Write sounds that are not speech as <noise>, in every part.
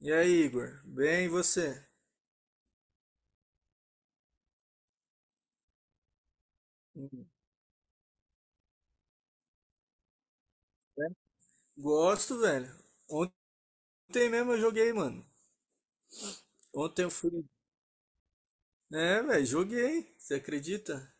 E aí, Igor? Bem, e você? Hum, né? Gosto, velho. Ontem mesmo eu joguei, mano. Ontem eu fui. É, velho, joguei. Você acredita?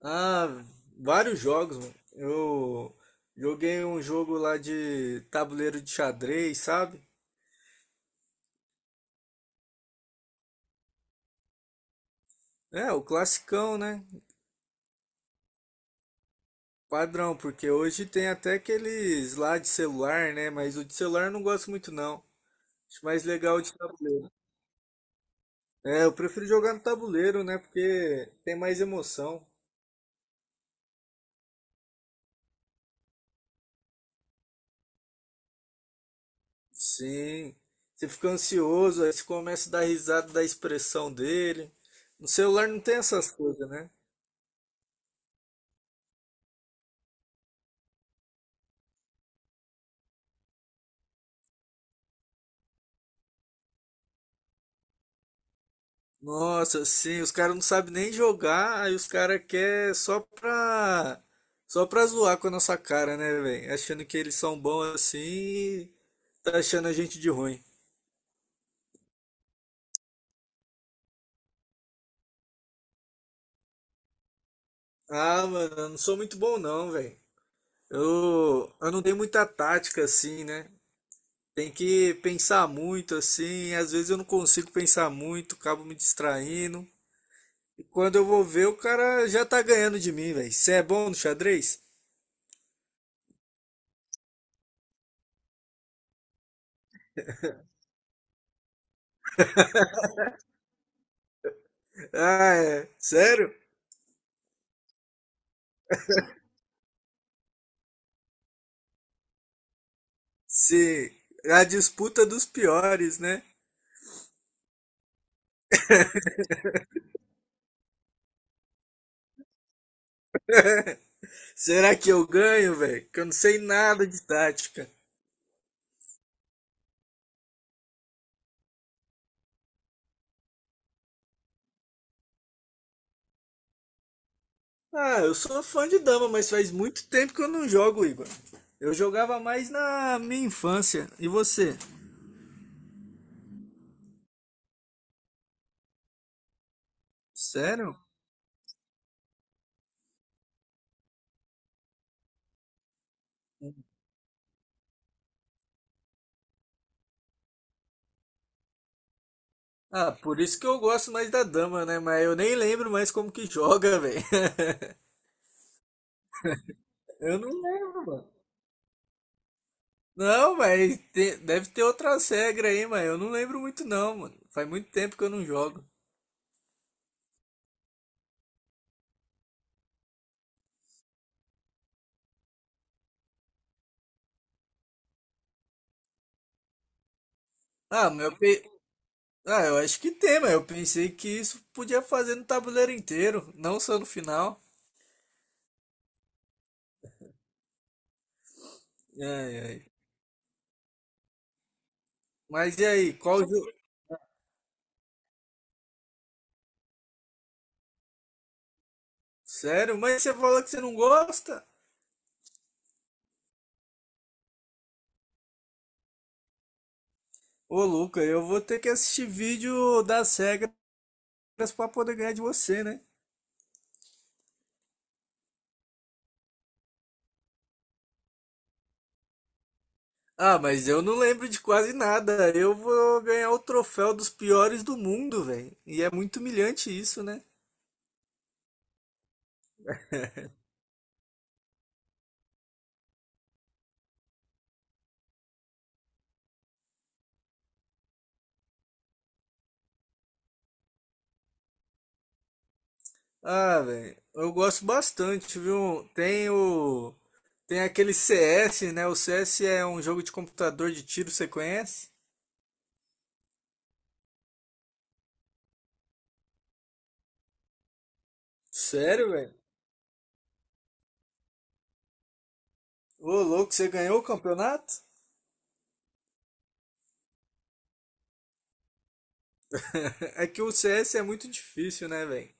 Ah, vários jogos, mano. Eu joguei um jogo lá de tabuleiro de xadrez, sabe? É, o classicão, né? Padrão, porque hoje tem até aqueles lá de celular, né? Mas o de celular eu não gosto muito, não. Acho mais legal o de tabuleiro. É, eu prefiro jogar no tabuleiro, né? Porque tem mais emoção. Sim, você fica ansioso, aí você começa a dar risada da expressão dele. No celular não tem essas coisas, né? Nossa, sim, os caras não sabem nem jogar, aí os caras querem só pra zoar com a nossa cara, né, velho? Achando que eles são bons assim e tá achando a gente de ruim. Ah, mano, eu não sou muito bom não, velho. Eu não tenho muita tática assim, né? Tem que pensar muito assim, às vezes eu não consigo pensar muito, acabo me distraindo. E quando eu vou ver, o cara já tá ganhando de mim, velho. Você é bom no xadrez? Ah, é. Sério? Sim. A disputa dos piores, né? Será que eu ganho, velho? Que eu não sei nada de tática. Ah, eu sou fã de dama, mas faz muito tempo que eu não jogo, Igor. Eu jogava mais na minha infância. E você? Sério? Ah, por isso que eu gosto mais da dama, né? Mas eu nem lembro mais como que joga, velho. <laughs> Eu não lembro, mano. Não, mas deve ter outras regras aí, mas eu não lembro muito não, mano. Faz muito tempo que eu não jogo. Ah, mas eu pe... Ah, eu acho que tem, mas eu pensei que isso podia fazer no tabuleiro inteiro, não só no final. Ai, ai. Mas e aí, qual jogo? Sério? Mas você fala que você não gosta? Ô, Luca, eu vou ter que assistir vídeo das regras pra poder ganhar de você, né? Ah, mas eu não lembro de quase nada. Eu vou ganhar o troféu dos piores do mundo, velho. E é muito humilhante isso, né? Ah, velho, eu gosto bastante, viu? Tem o. Tem aquele CS, né? O CS é um jogo de computador de tiro, você conhece? Sério, velho? Ô, louco, você ganhou o campeonato? <laughs> É que o CS é muito difícil, né, velho?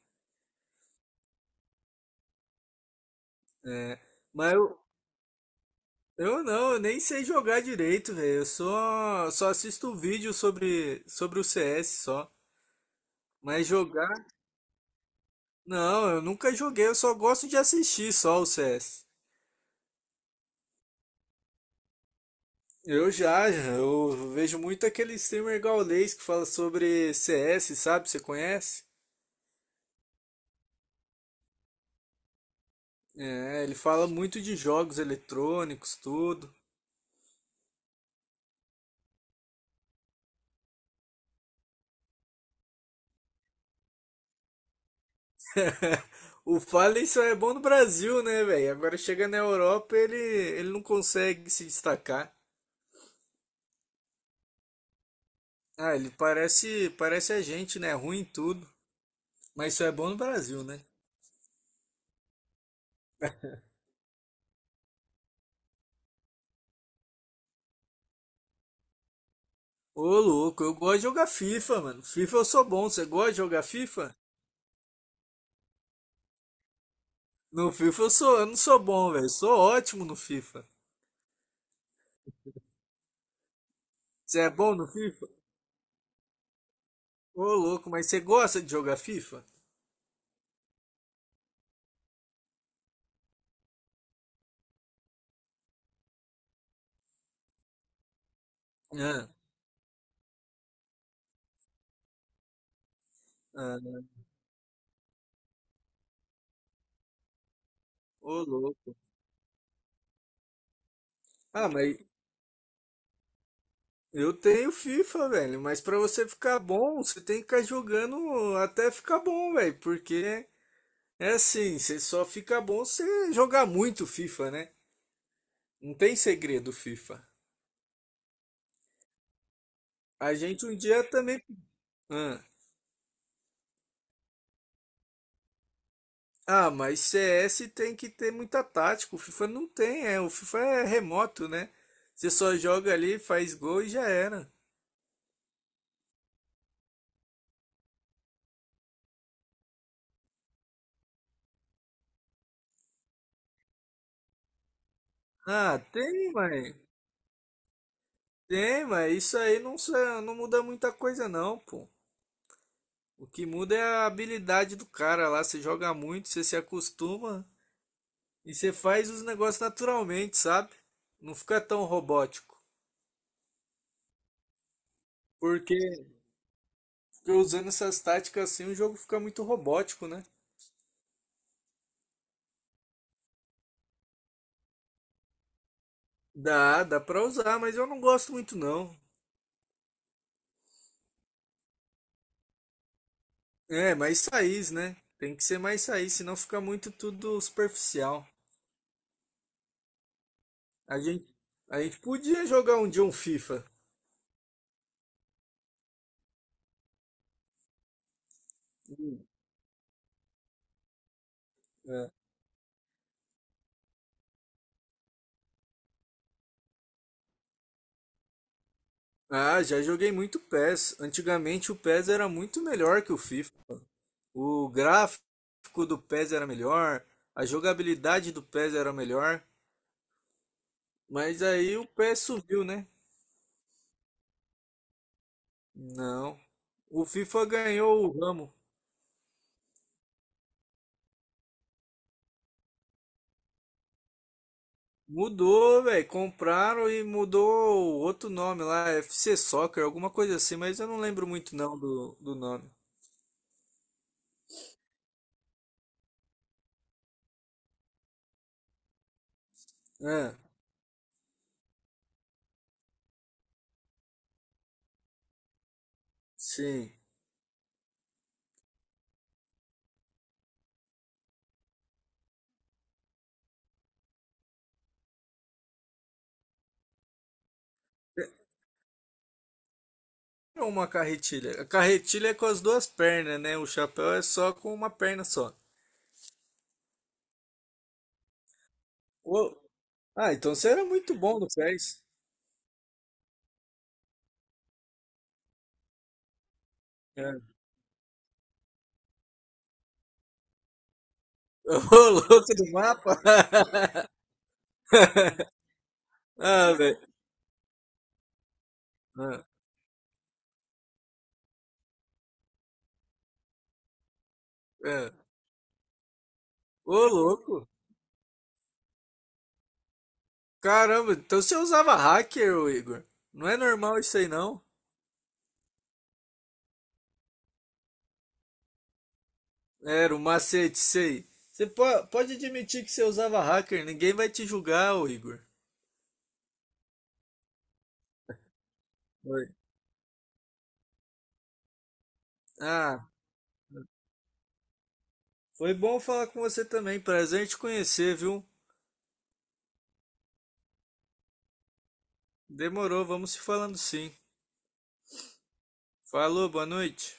É. Mas eu, eu nem sei jogar direito, velho. Eu só assisto um vídeo sobre o CS só. Mas jogar? Não, eu nunca joguei, eu só gosto de assistir só o CS. Eu vejo muito aquele streamer gaulês que fala sobre CS, sabe? Você conhece? É, ele fala muito de jogos eletrônicos, tudo. <laughs> O Fallen só é bom no Brasil, né, velho? Agora chega na Europa, ele não consegue se destacar. Ah, ele parece a gente, né? Ruim em tudo. Mas só é bom no Brasil, né? Ô, louco, eu gosto de jogar FIFA, mano. FIFA eu sou bom. Você gosta de jogar FIFA? No FIFA eu sou, eu não sou bom, velho. Sou ótimo no FIFA. Você é bom no FIFA? Ô, louco, mas você gosta de jogar FIFA? Ah, ah, ô, louco. Ah, mas eu tenho FIFA, velho. Mas pra você ficar bom, você tem que ficar jogando até ficar bom, velho. Porque é assim, você só fica bom se jogar muito FIFA, né? Não tem segredo FIFA. A gente um dia também. Ah. Ah, mas CS tem que ter muita tática. O FIFA não tem, é. O FIFA é remoto, né? Você só joga ali, faz gol e já era. Ah, tem, mas isso aí não, não muda muita coisa não, pô. O que muda é a habilidade do cara lá. Você joga muito, você se acostuma e você faz os negócios naturalmente, sabe? Não fica tão robótico. Porque, porque usando essas táticas assim, o jogo fica muito robótico, né? Dá pra usar, mas eu não gosto muito não. É, mais raiz, né? Tem que ser mais raiz, senão fica muito tudo superficial. A gente, a gente podia jogar um dia um FIFA. É. Ah, já joguei muito PES. Antigamente o PES era muito melhor que o FIFA. O gráfico do PES era melhor, a jogabilidade do PES era melhor. Mas aí o PES subiu, né? Não. O FIFA ganhou o ramo. Mudou, velho. Compraram e mudou outro nome lá, FC Soccer, alguma coisa assim, mas eu não lembro muito não do nome. É, sim. É uma carretilha. A carretilha é com as duas pernas, né? O chapéu é só com uma perna só. Ô, ah, então você era muito bom no pés. É. <laughs> Ô, louco do mapa! <laughs> Ah, velho. Ah, é. Ô, louco! Caramba, então você usava hacker, ô Igor. Não é normal isso aí, não? Era o macete, sei. Pode admitir que você usava hacker, ninguém vai te julgar, ô Igor. Foi. Ah, foi bom falar com você também. Prazer em te conhecer, viu? Demorou, vamos se falando sim. Falou, boa noite.